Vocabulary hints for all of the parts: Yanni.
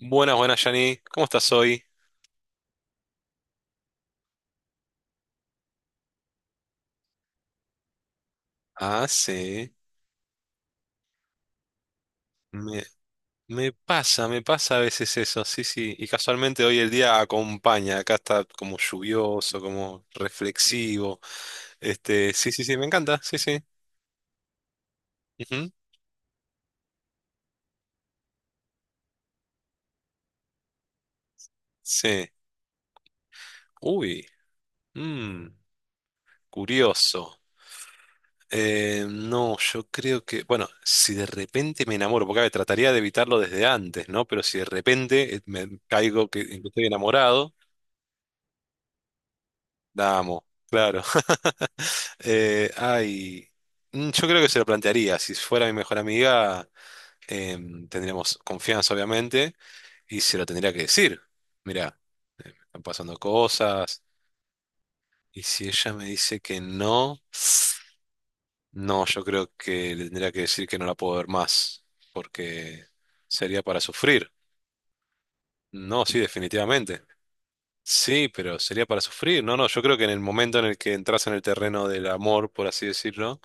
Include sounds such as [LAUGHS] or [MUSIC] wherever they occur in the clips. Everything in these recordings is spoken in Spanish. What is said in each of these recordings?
Buenas, buenas, Yanni. ¿Cómo estás hoy? Ah, sí. Me, me pasa a veces eso, sí, sí. Y casualmente hoy el día acompaña. Acá está como lluvioso, como reflexivo. Este, sí, sí, sí, me encanta, sí, sí. Ujú. Sí. Uy, mm, curioso. No, yo creo que, bueno, si de repente me enamoro, porque a ver, trataría de evitarlo desde antes, ¿no? Pero si de repente me caigo que, en que estoy enamorado, la amo, claro. [LAUGHS] Ay, mm, yo creo que se lo plantearía. Si fuera mi mejor amiga, tendríamos confianza, obviamente, y se lo tendría que decir. Mirá, me están pasando cosas, y si ella me dice que no, no, yo creo que le tendría que decir que no la puedo ver más, porque sería para sufrir. No, sí, definitivamente. Sí, pero sería para sufrir. No, no, yo creo que en el momento en el que entras en el terreno del amor, por así decirlo,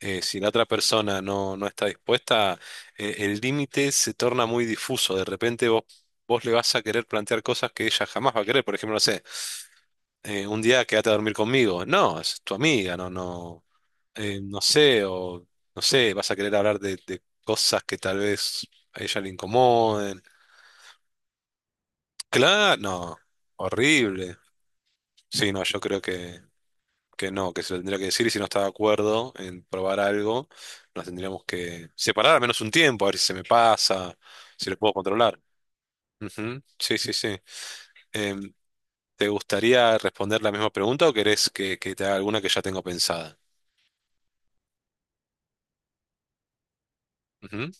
si la otra persona no, no está dispuesta, el límite se torna muy difuso. De repente vos, vos le vas a querer plantear cosas que ella jamás va a querer. Por ejemplo, no sé, un día quédate a dormir conmigo. No, es tu amiga, no, no, no sé, o no sé, vas a querer hablar de cosas que tal vez a ella le incomoden. Claro, no, horrible. Sí, no, yo creo que no, que se lo tendría que decir y si no está de acuerdo en probar algo, nos tendríamos que separar al menos un tiempo, a ver si se me pasa, si lo puedo controlar. Ujú, sí, sí, sí. Em, ¿te gustaría responder la misma pregunta o querés que te haga alguna que ya tengo pensada? Ujú,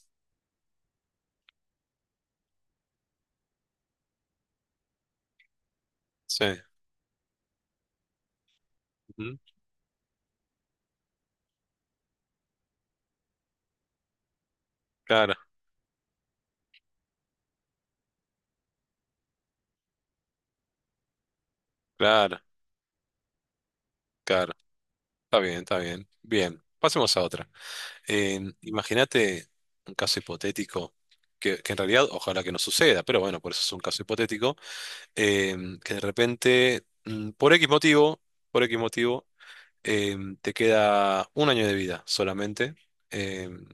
sí. Ujú, claro, claro, claro. Está bien, está bien. Bien, pasemos a otra. Em, imagínate un caso hipotético. Que en realidad ojalá que no suceda, pero bueno, por eso es un caso hipotético, que de repente, mm, por X motivo, te queda un año de vida solamente, em,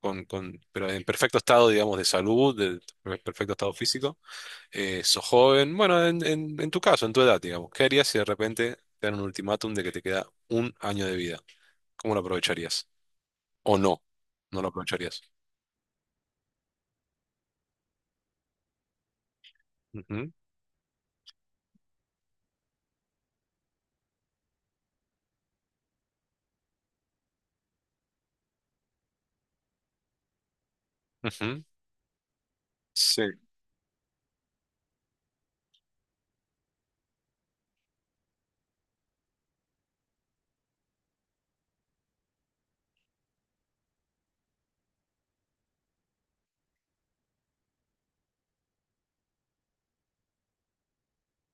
con- pero en perfecto estado, digamos, de salud, de per- perfecto estado físico, sos joven, bueno, en tu caso, en tu edad, digamos, ¿qué harías si de repente te dan un ultimátum de que te queda un año de vida? ¿Cómo lo aprovecharías? ¿O no? ¿No lo aprovecharías? Ujú, ujú. Sí,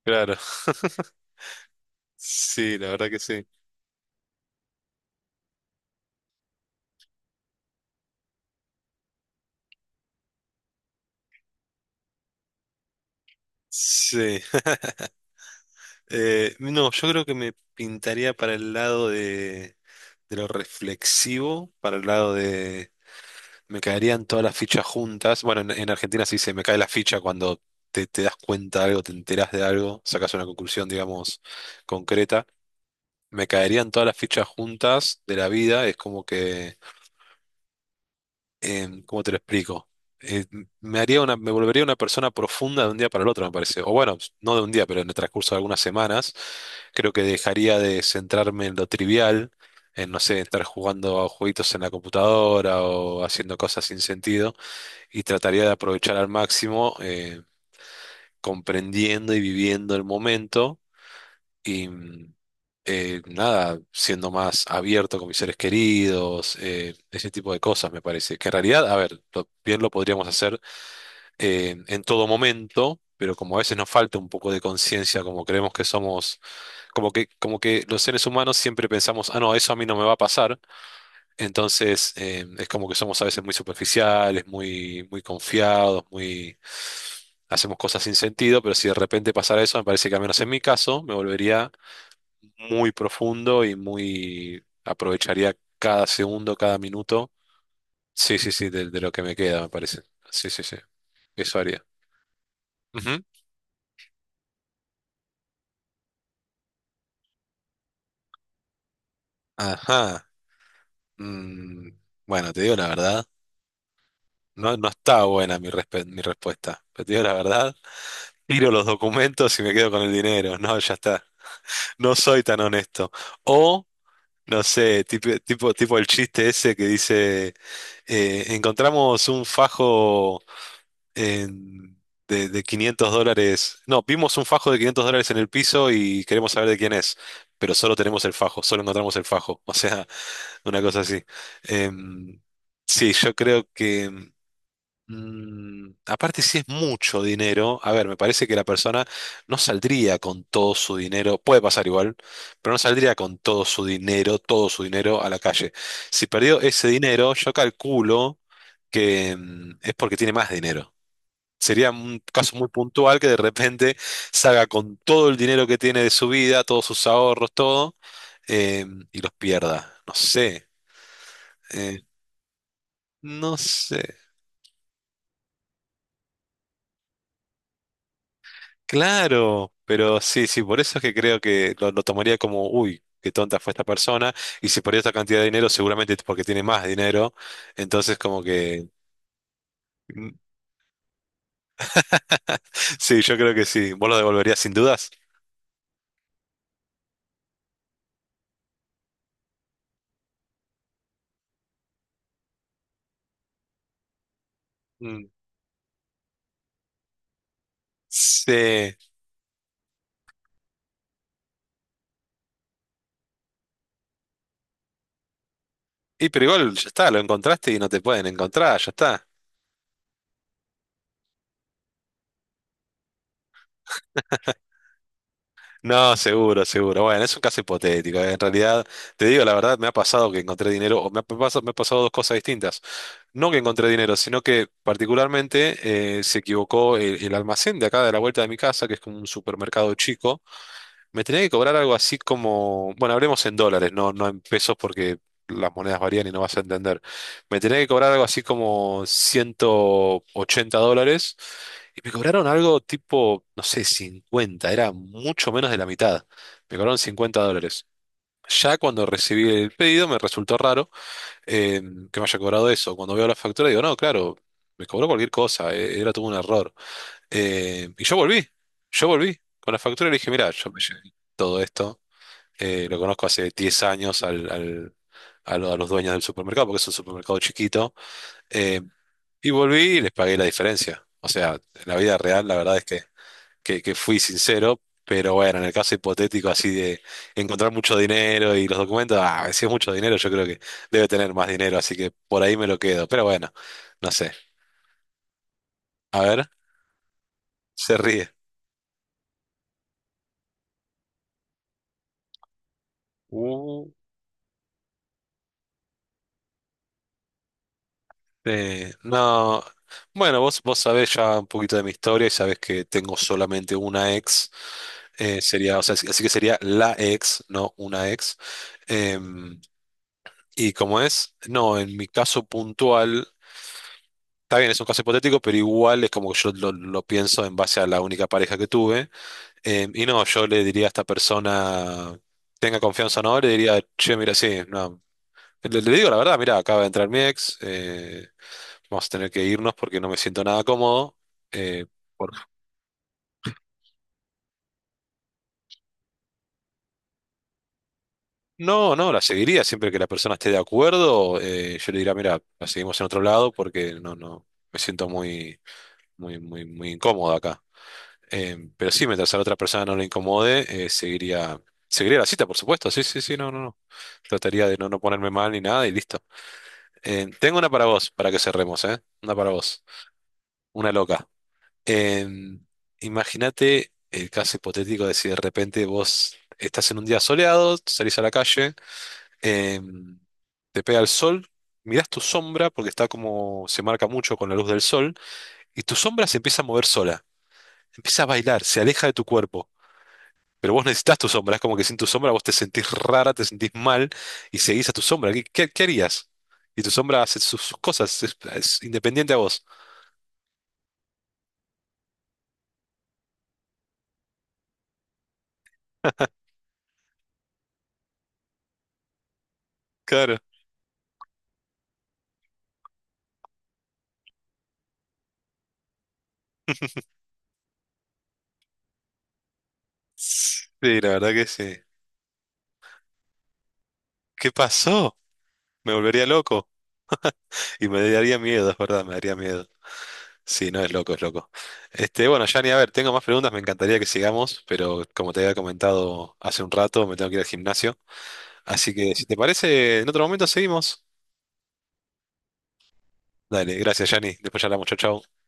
claro. [LAUGHS] Sí, la verdad que sí. Sí. No, yo creo que me pintaría para el lado de lo reflexivo, para el lado de me caerían todas las fichas juntas. Bueno, en Argentina sí se dice me cae la ficha cuando te das cuenta de algo, te enteras de algo, sacas una conclusión, digamos, concreta. Me caerían todas las fichas juntas de la vida, es como que em, ¿cómo te lo explico? Eh, Me haría una, me volvería una persona profunda de un día para el otro, me parece. O bueno, no de un día, pero en el transcurso de algunas semanas, creo que dejaría de centrarme en lo trivial, en, no sé, estar jugando a jueguitos en la computadora o haciendo cosas sin sentido, y trataría de aprovechar al máximo, comprendiendo y viviendo el momento y mm, nada, siendo más abierto con mis seres queridos, ese tipo de cosas me parece. Que en realidad, a ver, lo- bien lo podríamos hacer en todo momento, pero como a veces nos falta un poco de conciencia, como creemos que somos, como que los seres humanos siempre pensamos, ah, no, eso a mí no me va a pasar. Entonces, es como que somos a veces muy superficiales, muy, muy confiados, muy... Hacemos cosas sin sentido, pero si de repente pasara eso, me parece que al menos en mi caso me volvería muy profundo y muy aprovecharía cada segundo, cada minuto. Sí, sí, sí, de lo que me queda, me parece. Sí, sí, sí. Eso haría. Ujú. Ajá. Mm, bueno, te digo la verdad. No, no está buena mi, respe- mi respuesta. Pero te digo la verdad. Tiro los documentos y me quedo con el dinero. No, ya está. No soy tan honesto. O, no sé, tipo, tipo, tipo el chiste ese que dice, encontramos un fajo. En- de 500 dólares. No, vimos un fajo de 500 dólares en el piso y queremos saber de quién es, pero solo tenemos el fajo, solo encontramos el fajo. [LAUGHS] O sea, una cosa así. Em, sí, yo creo que... mm, aparte, si es mucho dinero, a ver, me parece que la persona no saldría con todo su dinero, puede pasar igual, pero no saldría con todo su dinero a la calle. Si perdió ese dinero, yo calculo que mm, es porque tiene más dinero. Sería un caso muy puntual que de repente salga con todo el dinero que tiene de su vida, todos sus ahorros, todo, eh, y los pierda. No sé, eh, no sé. Claro, pero sí, sí, por eso es que creo que lo tomaría como, uy, qué tonta fue esta persona, y si perdió esta cantidad de dinero, seguramente es porque tiene más dinero. Entonces, como que... [LAUGHS] Sí, yo creo que sí. ¿Vos lo devolverías sin dudas? Mm. Sí. Y pero igual ya está, lo encontraste y no te pueden encontrar, ya está. No, seguro, seguro. Bueno, es un caso hipotético. ¿Eh? En realidad, te digo la verdad, me ha pasado que encontré dinero, o me ha pasado dos cosas distintas. No que encontré dinero, sino que particularmente se equivocó el almacén de acá de la vuelta de mi casa, que es como un supermercado chico. Me tenía que cobrar algo así como, bueno, hablemos en dólares, no, no en pesos porque las monedas varían y no vas a entender. Me tenía que cobrar algo así como 180 dólares y me cobraron algo tipo, no sé, 50, era mucho menos de la mitad. Me cobraron 50 dólares. Ya cuando recibí el pedido me resultó raro eh, que me haya cobrado eso. Cuando veo la factura digo, no, claro, me cobró cualquier cosa, era todo un error. Y yo volví con la factura y le dije, mira, yo me llevé todo esto, lo conozco hace 10 años al, al- a, lo- a los dueños del supermercado, porque es un supermercado chiquito, eh, y volví y les pagué la diferencia. O sea, en la vida real la verdad es que fui sincero, pero bueno, en el caso hipotético así de encontrar mucho dinero y los documentos, ah, si es mucho dinero, yo creo que debe tener más dinero, así que por ahí me lo quedo, pero bueno, no sé. A ver, se ríe. Sí, no. Bueno, vos, vos sabés ya un poquito de mi historia y sabés que tengo solamente una ex. Eh, sería, o sea, así así que sería la ex, no una ex. Em, y como es, no, en mi caso puntual, está bien, es un caso hipotético, pero igual es como que yo lo pienso en base a la única pareja que tuve. Y no, yo le diría a esta persona, tenga confianza o no, le diría, che, mira, sí, no. Le digo la verdad, mira, acaba de entrar mi ex. Vamos a tener que irnos porque no me siento nada cómodo. Eh, por- No, no, la seguiría. Siempre que la persona esté de acuerdo, yo le diría, mira, la seguimos en otro lado porque no, no, me siento muy, muy, muy, muy incómodo acá. Pero sí, mientras a la otra persona no le incomode, seguiría, seguiría la cita, por supuesto. Sí, sí, sí, no, no, no. Trataría de no, no ponerme mal ni nada y listo. Tengo una para vos, para que cerremos, ¿eh? Una para vos. Una loca. Em, imagínate el caso hipotético de si de repente vos estás en un día soleado, salís a la calle, em, te pega el sol, mirás tu sombra, porque está como, se marca mucho con la luz del sol, y tu sombra se empieza a mover sola, empieza a bailar, se aleja de tu cuerpo. Pero vos necesitas tu sombra, es como que sin tu sombra vos te sentís rara, te sentís mal y seguís a tu sombra. ¿Qué, qué- qué harías? Y tu sombra hace sus, sus cosas, es independiente a vos. Claro. Sí, la verdad que sí. ¿Qué pasó? Me volvería loco y me daría miedo, es verdad, me daría miedo. Sí, no es loco, es loco. Este, bueno, Yanni, a ver, tengo más preguntas, me encantaría que sigamos, pero como te había comentado hace un rato, me tengo que ir al gimnasio. Así que si te parece, en otro momento seguimos. Dale, gracias, Yanni. Después charlamos, chau, chau.